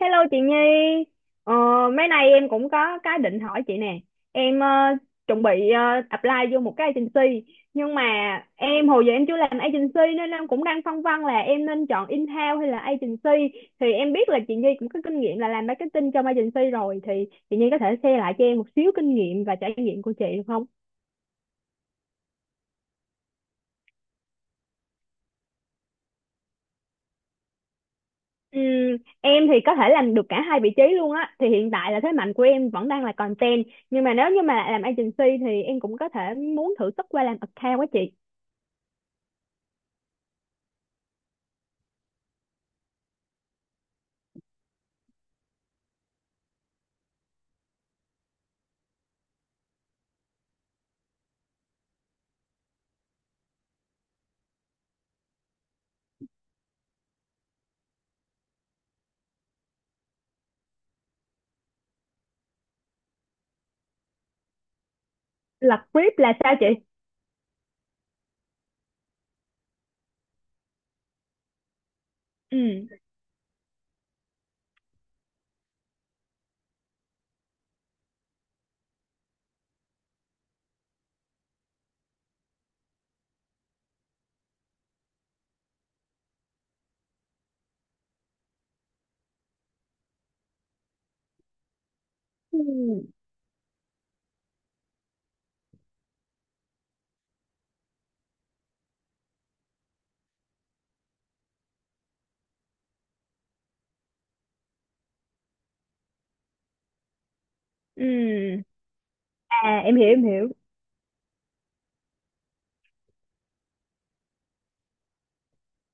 Hello chị Nhi, ờ, mấy nay em cũng có cái định hỏi chị nè. Em chuẩn bị apply vô một cái agency, nhưng mà hồi giờ em chưa làm agency nên em cũng đang phân vân là em nên chọn in-house hay là agency. Thì em biết là chị Nhi cũng có kinh nghiệm là làm marketing trong agency rồi, thì chị Nhi có thể share lại cho em một xíu kinh nghiệm và trải nghiệm của chị được không? Ừm, em thì có thể làm được cả hai vị trí luôn á, thì hiện tại là thế mạnh của em vẫn đang là content, nhưng mà nếu như mà làm agency thì em cũng có thể muốn thử sức qua làm account á chị. Lập web là sao chị? ừ ừ ừ À em hiểu, em hiểu.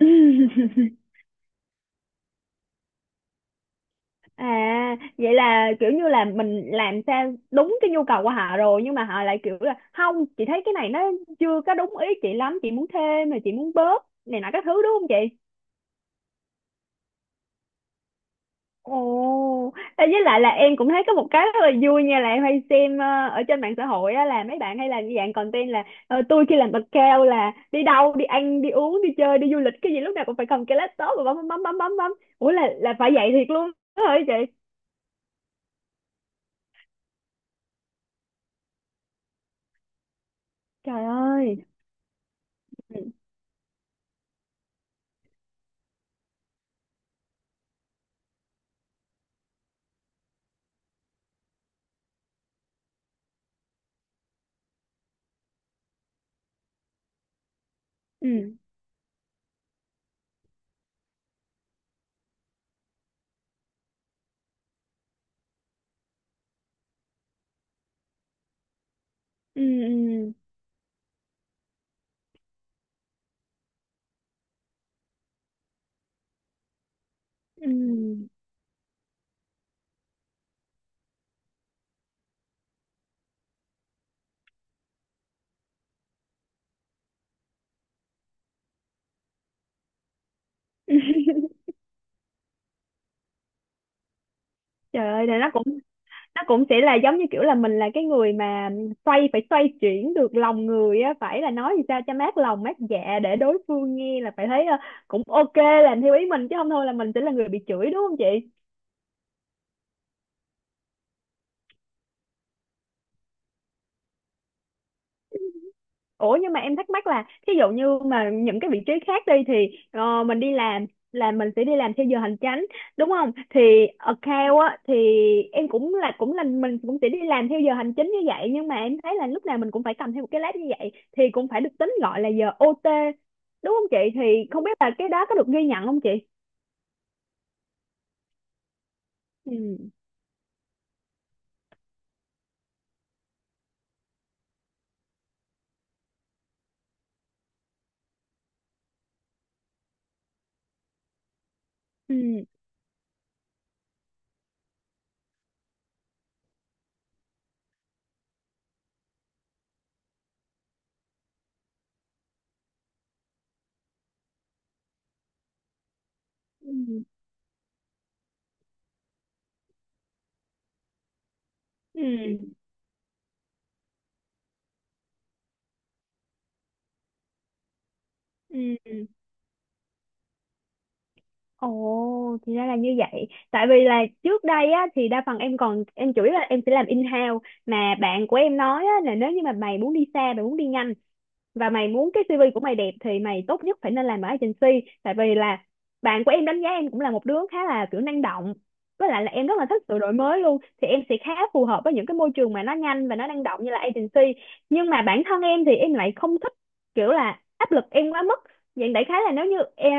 à vậy là kiểu như là mình làm sao đúng cái nhu cầu của họ rồi nhưng mà họ lại kiểu là không, chị thấy cái này nó chưa có đúng ý chị lắm, chị muốn thêm mà chị muốn bớt này nọ các thứ, đúng không chị? Ồ, ê, với lại là em cũng thấy có một cái rất là vui nha, là em hay xem ở trên mạng xã hội á, là mấy bạn hay làm như dạng content là tôi khi làm account là đi đâu đi ăn đi uống đi chơi đi du lịch cái gì lúc nào cũng phải cầm cái laptop và bấm bấm bấm bấm bấm bấm. Ủa là phải vậy thiệt luôn đó hả chị? Trời ơi. ừ ừ ừ ừ, ừ. Trời ơi là nó cũng, nó cũng sẽ là giống như kiểu là mình là cái người mà xoay phải xoay chuyển được lòng người á, phải là nói gì sao cho mát lòng mát dạ để đối phương nghe là phải thấy cũng ok, làm theo ý mình, chứ không thôi là mình sẽ là người bị chửi, đúng không chị? Ủa nhưng mà em thắc mắc là thí dụ như mà những cái vị trí khác đi thì mình đi làm là mình sẽ đi làm theo giờ hành chánh, đúng không? Thì account á thì em cũng là, cũng là mình cũng sẽ đi làm theo giờ hành chính như vậy, nhưng mà em thấy là lúc nào mình cũng phải cầm theo một cái laptop như vậy thì cũng phải được tính gọi là giờ OT, đúng không chị? Thì không biết là cái đó có được ghi nhận không chị? Ừ. Ừ. Ừ. Ừ. Ừ. Ừ. Ồ, thì ra là như vậy. Tại vì là trước đây á, thì đa phần em còn, em chủ yếu là em sẽ làm in-house, mà bạn của em nói á, là nếu như mà mày muốn đi xa, mày muốn đi nhanh và mày muốn cái CV của mày đẹp thì mày tốt nhất phải nên làm ở agency, tại vì là bạn của em đánh giá em cũng là một đứa khá là kiểu năng động, với lại là em rất là thích sự đổi mới luôn, thì em sẽ khá phù hợp với những cái môi trường mà nó nhanh và nó năng động như là agency. Nhưng mà bản thân em thì em lại không thích kiểu là áp lực em quá mức. Vậy đại khái là nếu như em,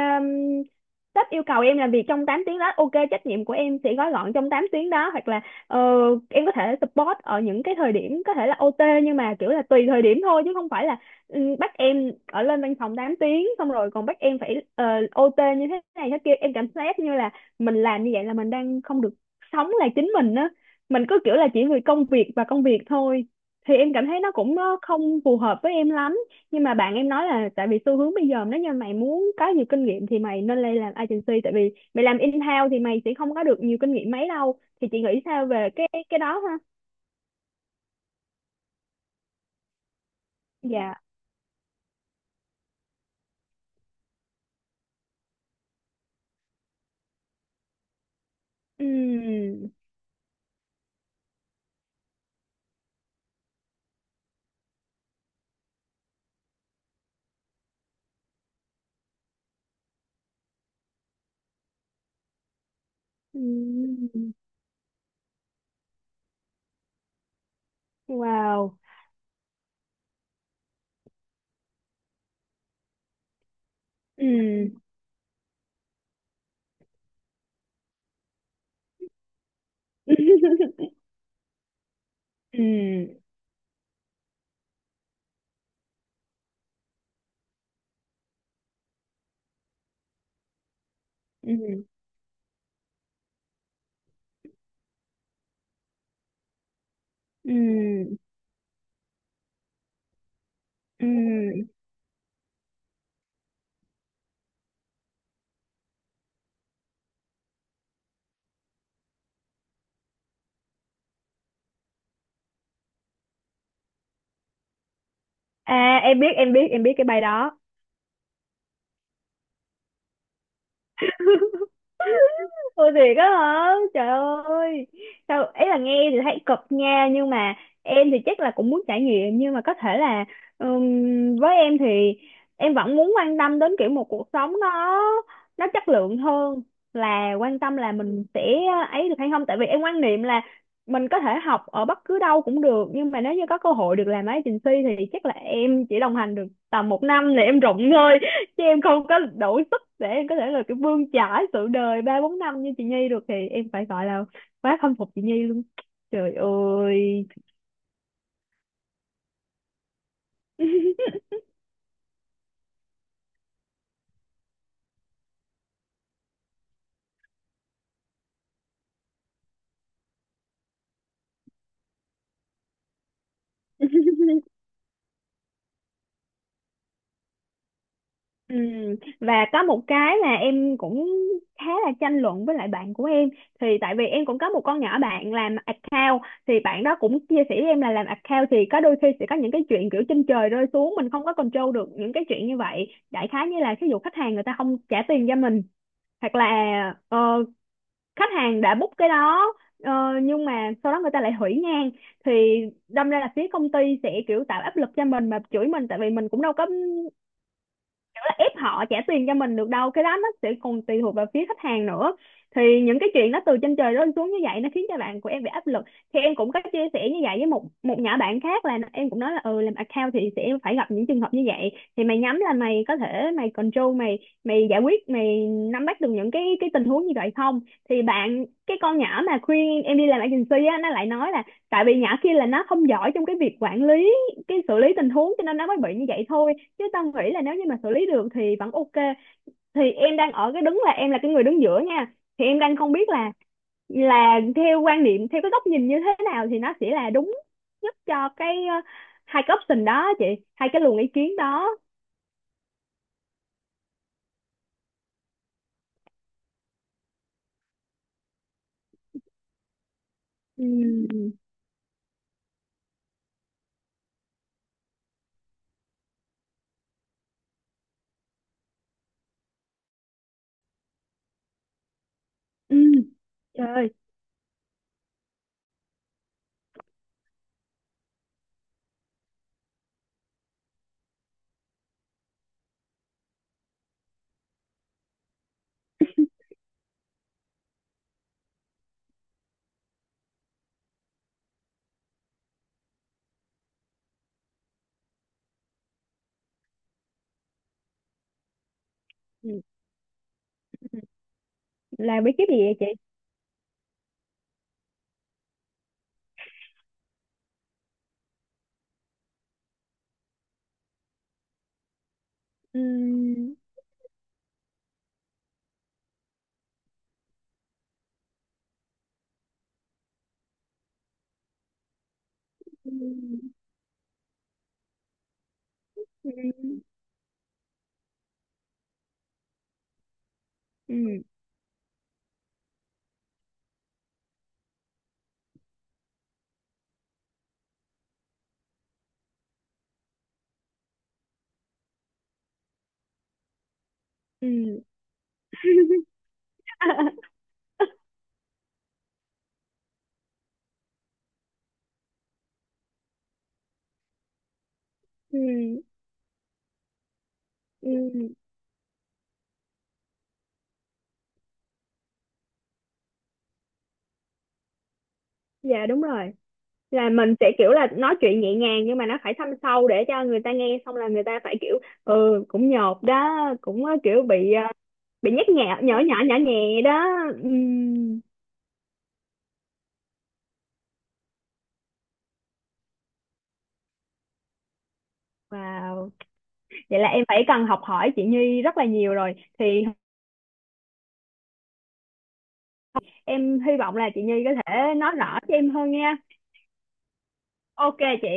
sếp yêu cầu em làm việc trong 8 tiếng đó ok, trách nhiệm của em sẽ gói gọn trong 8 tiếng đó, hoặc là ờ, em có thể support ở những cái thời điểm có thể là OT, nhưng mà kiểu là tùy thời điểm thôi chứ không phải là ừ, bắt em ở lên văn phòng 8 tiếng xong rồi còn bắt em phải OT như thế này thế kia, em cảm giác như là mình làm như vậy là mình đang không được sống là chính mình á, mình cứ kiểu là chỉ vì công việc và công việc thôi, thì em cảm thấy nó cũng không phù hợp với em lắm. Nhưng mà bạn em nói là tại vì xu hướng bây giờ nếu như mày muốn có nhiều kinh nghiệm thì mày nên lên làm agency, tại vì mày làm in-house thì mày sẽ không có được nhiều kinh nghiệm mấy đâu, thì chị nghĩ sao về cái đó ha? Dạ. Ừm. Ừm. Wow. Ừ. ừ ừ ừ ừ à em biết, em biết, em biết cái bài đó. Ôi thiệt á hả? Trời ơi. Sao ấy là nghe thì thấy cực nha, nhưng mà em thì chắc là cũng muốn trải nghiệm, nhưng mà có thể là với em thì em vẫn muốn quan tâm đến kiểu một cuộc sống nó chất lượng hơn, là quan tâm là mình sẽ ấy được hay không. Tại vì em quan niệm là mình có thể học ở bất cứ đâu cũng được, nhưng mà nếu như có cơ hội được làm agency thì chắc là em chỉ đồng hành được tầm một năm là em rụng thôi, chứ em không có đủ sức để em có thể là cái bươn chải sự đời ba bốn năm như chị Nhi được, thì em phải gọi là quá khâm phục chị Nhi luôn. Trời ơi. Ừ. Và có một cái là em cũng khá là tranh luận với lại bạn của em. Thì tại vì em cũng có một con nhỏ bạn làm account, thì bạn đó cũng chia sẻ với em là làm account thì có đôi khi sẽ có những cái chuyện kiểu trên trời rơi xuống, mình không có control được những cái chuyện như vậy. Đại khái như là ví dụ khách hàng người ta không trả tiền cho mình, hoặc là ờ, khách hàng đã book cái đó ờ, nhưng mà sau đó người ta lại hủy ngang, thì đâm ra là phía công ty sẽ kiểu tạo áp lực cho mình mà chửi mình, tại vì mình cũng đâu có kiểu là ép họ trả tiền cho mình được đâu, cái đó nó sẽ còn tùy thuộc vào phía khách hàng nữa. Thì những cái chuyện nó từ trên trời rơi xuống như vậy nó khiến cho bạn của em bị áp lực. Thì em cũng có chia sẻ như vậy với một một nhỏ bạn khác, là em cũng nói là ừ, làm account thì sẽ phải gặp những trường hợp như vậy, thì mày nhắm là mày có thể mày control mày, mày giải quyết, mày nắm bắt được những cái tình huống như vậy không. Thì bạn, cái con nhỏ mà khuyên em đi làm agency á, nó lại nói là tại vì nhỏ kia là nó không giỏi trong cái việc quản lý, cái xử lý tình huống cho nên nó mới bị như vậy thôi, chứ tao nghĩ là nếu như mà xử lý được thì vẫn ok. Thì em đang ở cái đứng là em là cái người đứng giữa nha, thì em đang không biết là theo quan niệm, theo cái góc nhìn như thế nào thì nó sẽ là đúng nhất cho cái hai cái option đó chị, hai cái luồng ý kiến đó. Ừ. Ừ. Trời ơi. Ừ. Ừ. Làm bí kíp gì vậy chị? ừ ừ ừ ừ ừ. ừ. Ừ. Ừ. Dạ đúng rồi, là mình sẽ kiểu là nói chuyện nhẹ nhàng nhưng mà nó phải thâm sâu để cho người ta nghe xong là người ta phải kiểu ừ, cũng nhột đó, cũng kiểu bị bị nhắc nhẹ nhỏ, nhỏ nhỏ nhẹ đó. Ừm, wow, vậy là em phải cần học hỏi chị Nhi rất là nhiều rồi. Thì em hy vọng là chị Nhi có thể nói rõ cho em hơn nha. Ok chị.